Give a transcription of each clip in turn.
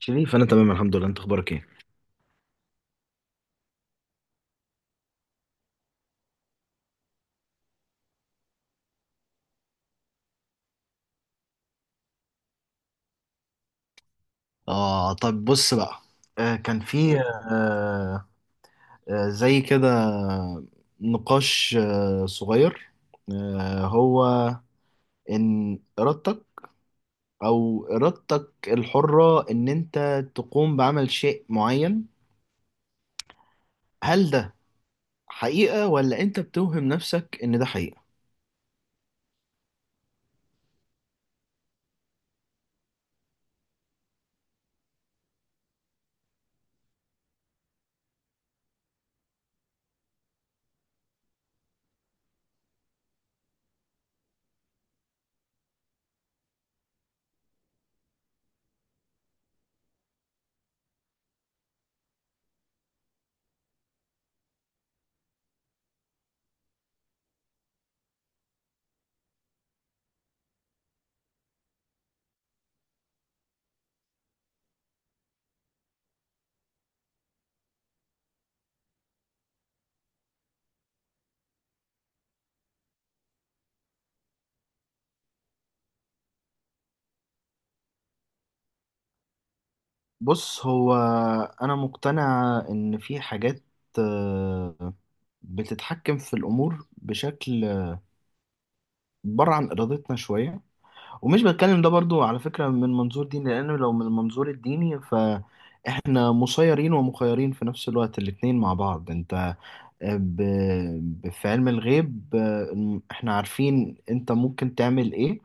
شريف، انا تمام الحمد لله، انت اخبارك ايه؟ آه، طب بص بقى. كان في قول. آه. زي كده. نقاش صغير. هو إن إرادتك أو إرادتك الحرة إن أنت تقوم بعمل شيء معين، هل ده حقيقة ولا أنت بتوهم نفسك إن ده حقيقة؟ بص، هو أنا مقتنع إن في حاجات آه بتتحكم في الأمور بشكل بره عن إرادتنا شوية. ومش بتكلم ده برضو على فكرة من منظور ديني، لأنه لو من المنظور الديني فإحنا مسيرين ومخيرين في نفس الوقت الاتنين مع بعض. أنت آه، ب... في علم الغيب، إحنا عارفين أنت ممكن تعمل إيه،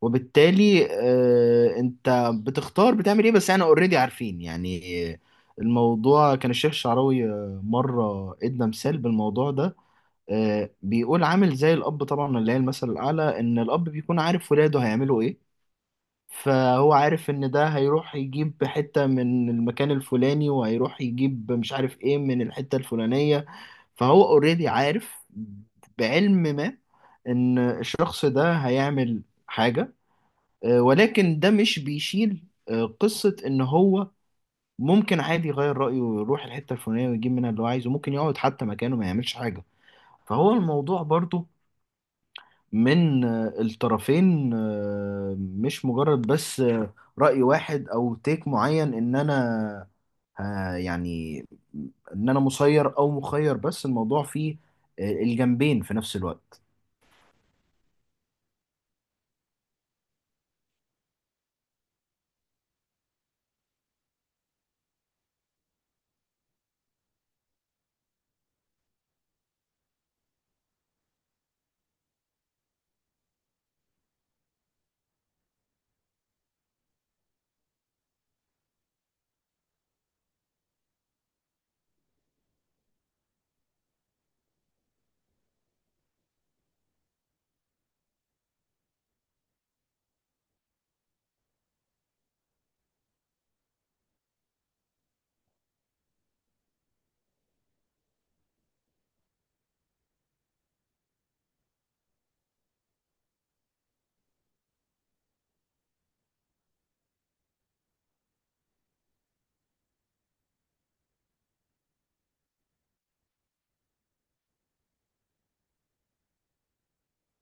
وبالتالي أنت بتختار بتعمل إيه، بس إحنا أوريدي عارفين يعني. آه، الموضوع كان الشيخ الشعراوي مرة إدى مثال بالموضوع ده. بيقول عامل زي الأب، طبعا اللي هي المثل الأعلى، إن الأب بيكون عارف ولاده هيعملوا إيه. فهو عارف ان ده هيروح يجيب حتة من المكان الفلاني، وهيروح يجيب مش عارف ايه من الحتة الفلانية. فهو اوريدي عارف بعلم ما ان الشخص ده هيعمل حاجة، ولكن ده مش بيشيل قصة ان هو ممكن عادي يغير رأيه ويروح الحتة الفلانية ويجيب منها اللي هو عايزه، ممكن يقعد حتى مكانه ما يعملش حاجة. فهو الموضوع برضو من الطرفين، مش مجرد بس رأي واحد او تيك معين، ان انا يعني ان انا مسير او مخير، بس الموضوع فيه الجنبين في نفس الوقت.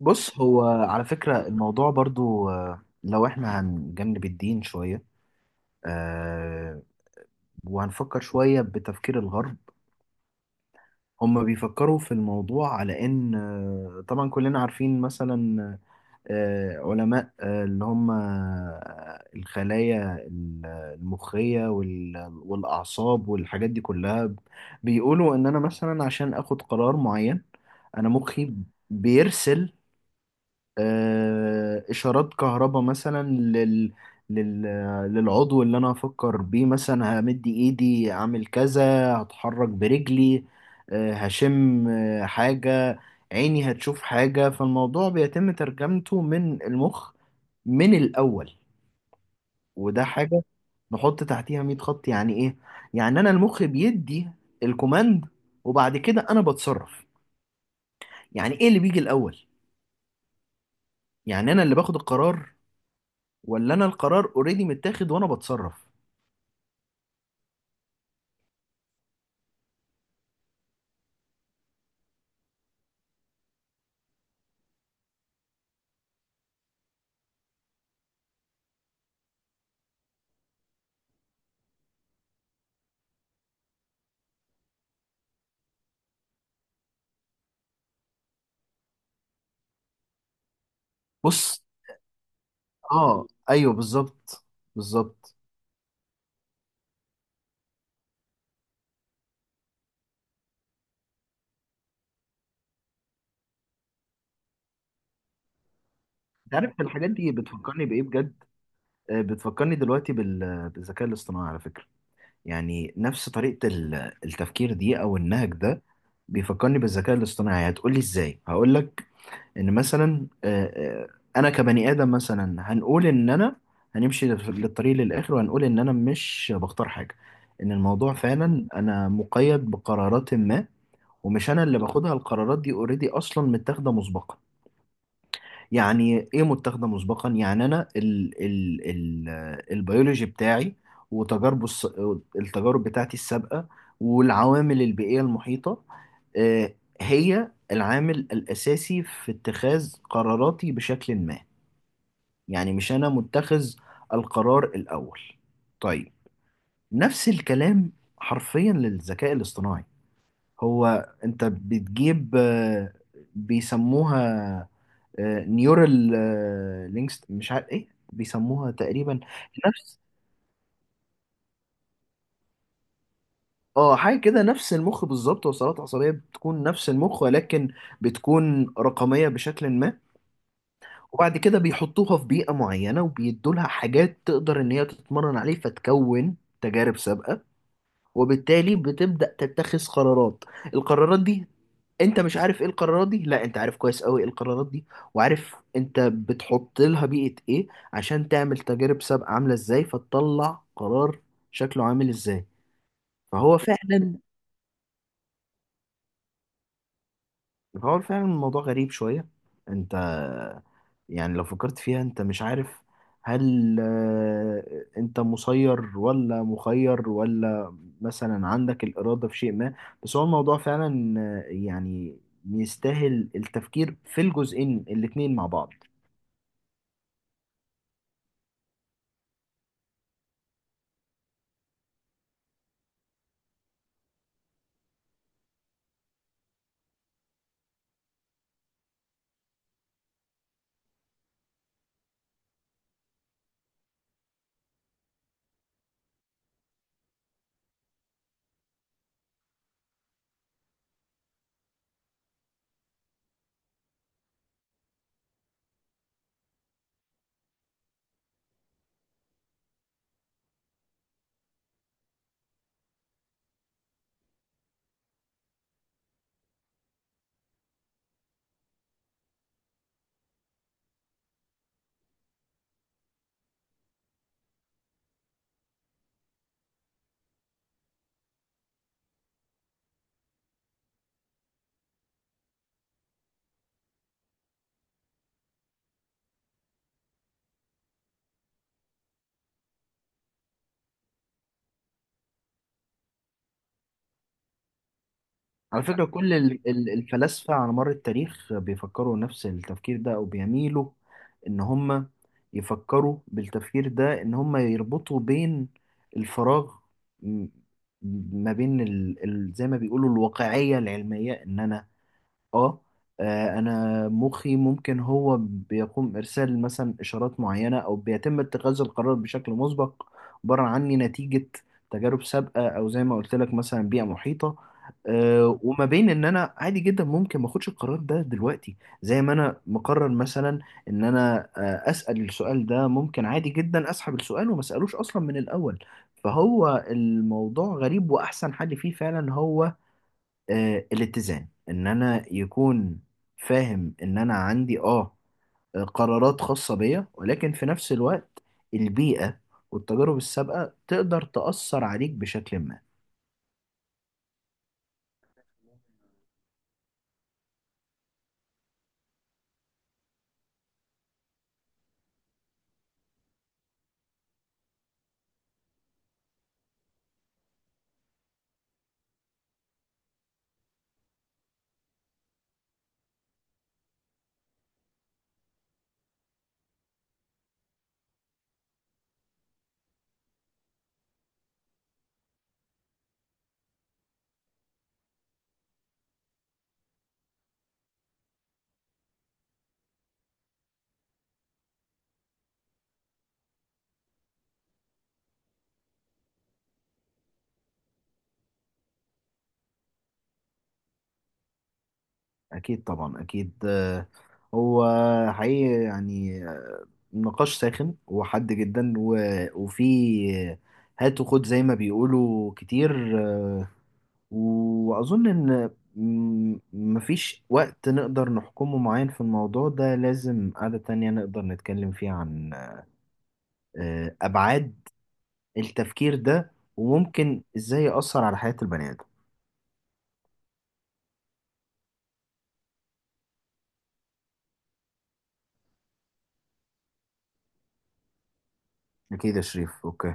بص، هو على فكرة الموضوع برضو لو احنا هنجنب الدين شوية آه، وهنفكر شوية بتفكير الغرب. هم بيفكروا في الموضوع على ان طبعا كلنا عارفين مثلا علماء اللي هم الخلايا المخية والأعصاب والحاجات دي كلها. بيقولوا إن أنا مثلا عشان آخد قرار معين، أنا مخي بيرسل اشارات كهرباء مثلا لل... للعضو اللي انا هفكر بيه، مثلا همد ايدي اعمل كذا، هتحرك برجلي، هشم حاجة، عيني هتشوف حاجة. فالموضوع بيتم ترجمته من المخ من الاول. وده حاجة نحط تحتيها 100 خط. يعني ايه؟ يعني انا المخ بيدي الكوماند وبعد كده انا بتصرف. يعني ايه اللي بيجي الاول؟ يعني انا اللي باخد القرار، ولا انا القرار اوريدي متاخد وانا بتصرف؟ بص، اه ايوه بالظبط. بالظبط. انت عارف الحاجات دي بتفكرني بايه بجد؟ بتفكرني دلوقتي بالذكاء الاصطناعي على فكره. يعني نفس طريقه التفكير دي او النهج ده بيفكرني بالذكاء الاصطناعي. هتقولي ازاي؟ هقول لك. ان مثلا آه، انا كبني ادم مثلا، هنقول ان انا هنمشي للطريق للاخر، وهنقول ان انا مش بختار حاجه، ان الموضوع فعلا انا مقيد بقرارات ما، ومش انا اللي باخدها. القرارات دي اوريدي اصلا متاخده مسبقا. يعني ايه متاخده مسبقا؟ يعني انا ال ال ال البيولوجي بتاعي، وتجاربه التجارب بتاعتي السابقه، والعوامل البيئيه المحيطه، آه، هي العامل الاساسي في اتخاذ قراراتي بشكل ما. يعني مش انا متخذ القرار الاول. طيب، نفس الكلام حرفيا للذكاء الاصطناعي. هو انت بتجيب بيسموها نيورال لينكس، مش عارف ايه بيسموها تقريبا. نفس، اه، حاجه كده. نفس المخ بالظبط. وصلات عصبيه بتكون نفس المخ، ولكن بتكون رقميه بشكل ما. وبعد كده بيحطوها في بيئه معينه، وبيدوا لها حاجات تقدر ان هي تتمرن عليه، فتكون تجارب سابقه، وبالتالي بتبدأ تتخذ قرارات. القرارات دي انت مش عارف ايه القرارات دي، لا، انت عارف كويس قوي ايه القرارات دي، وعارف انت بتحط لها بيئة ايه عشان تعمل تجارب سابقة عاملة ازاي، فتطلع قرار شكله عامل ازاي. فهو فعلا هو فعلا الموضوع غريب شوية. انت يعني لو فكرت فيها انت مش عارف هل انت مسير ولا مخير، ولا مثلا عندك الإرادة في شيء ما. بس هو الموضوع فعلا يعني يستاهل التفكير في الجزئين الاتنين مع بعض. على فكرة، كل الفلاسفة على مر التاريخ بيفكروا نفس التفكير ده، أو بيميلوا إن هم يفكروا بالتفكير ده، إن هم يربطوا بين الفراغ م- ما بين زي ما بيقولوا الواقعية العلمية. إن أنا اه آه، انا مخي ممكن هو بيقوم ارسال مثلا اشارات معينه، او بيتم اتخاذ القرار بشكل مسبق، عباره عني نتيجه تجارب سابقه، او زي ما قلت لك مثلا بيئه محيطه. وما بين ان انا عادي جدا ممكن ما اخدش القرار ده دلوقتي. زي ما انا مقرر مثلا ان انا اسال السؤال ده، ممكن عادي جدا اسحب السؤال وما اسالوش اصلا من الاول. فهو الموضوع غريب، واحسن حل فيه فعلا هو الاتزان، ان انا يكون فاهم ان انا عندي قرارات خاصة بيا، ولكن في نفس الوقت البيئة والتجارب السابقة تقدر تأثر عليك بشكل ما. اكيد طبعا اكيد. هو حقيقي يعني نقاش ساخن وحاد جدا، وفي هات وخد زي ما بيقولوا كتير. آه، وأظن إن مفيش وقت نقدر نحكمه معين في الموضوع ده. لازم قعدة تانية نقدر نتكلم فيها عن أبعاد التفكير ده وممكن إزاي يأثر على حياة البني آدم. أكيد يا شريف، أوكي.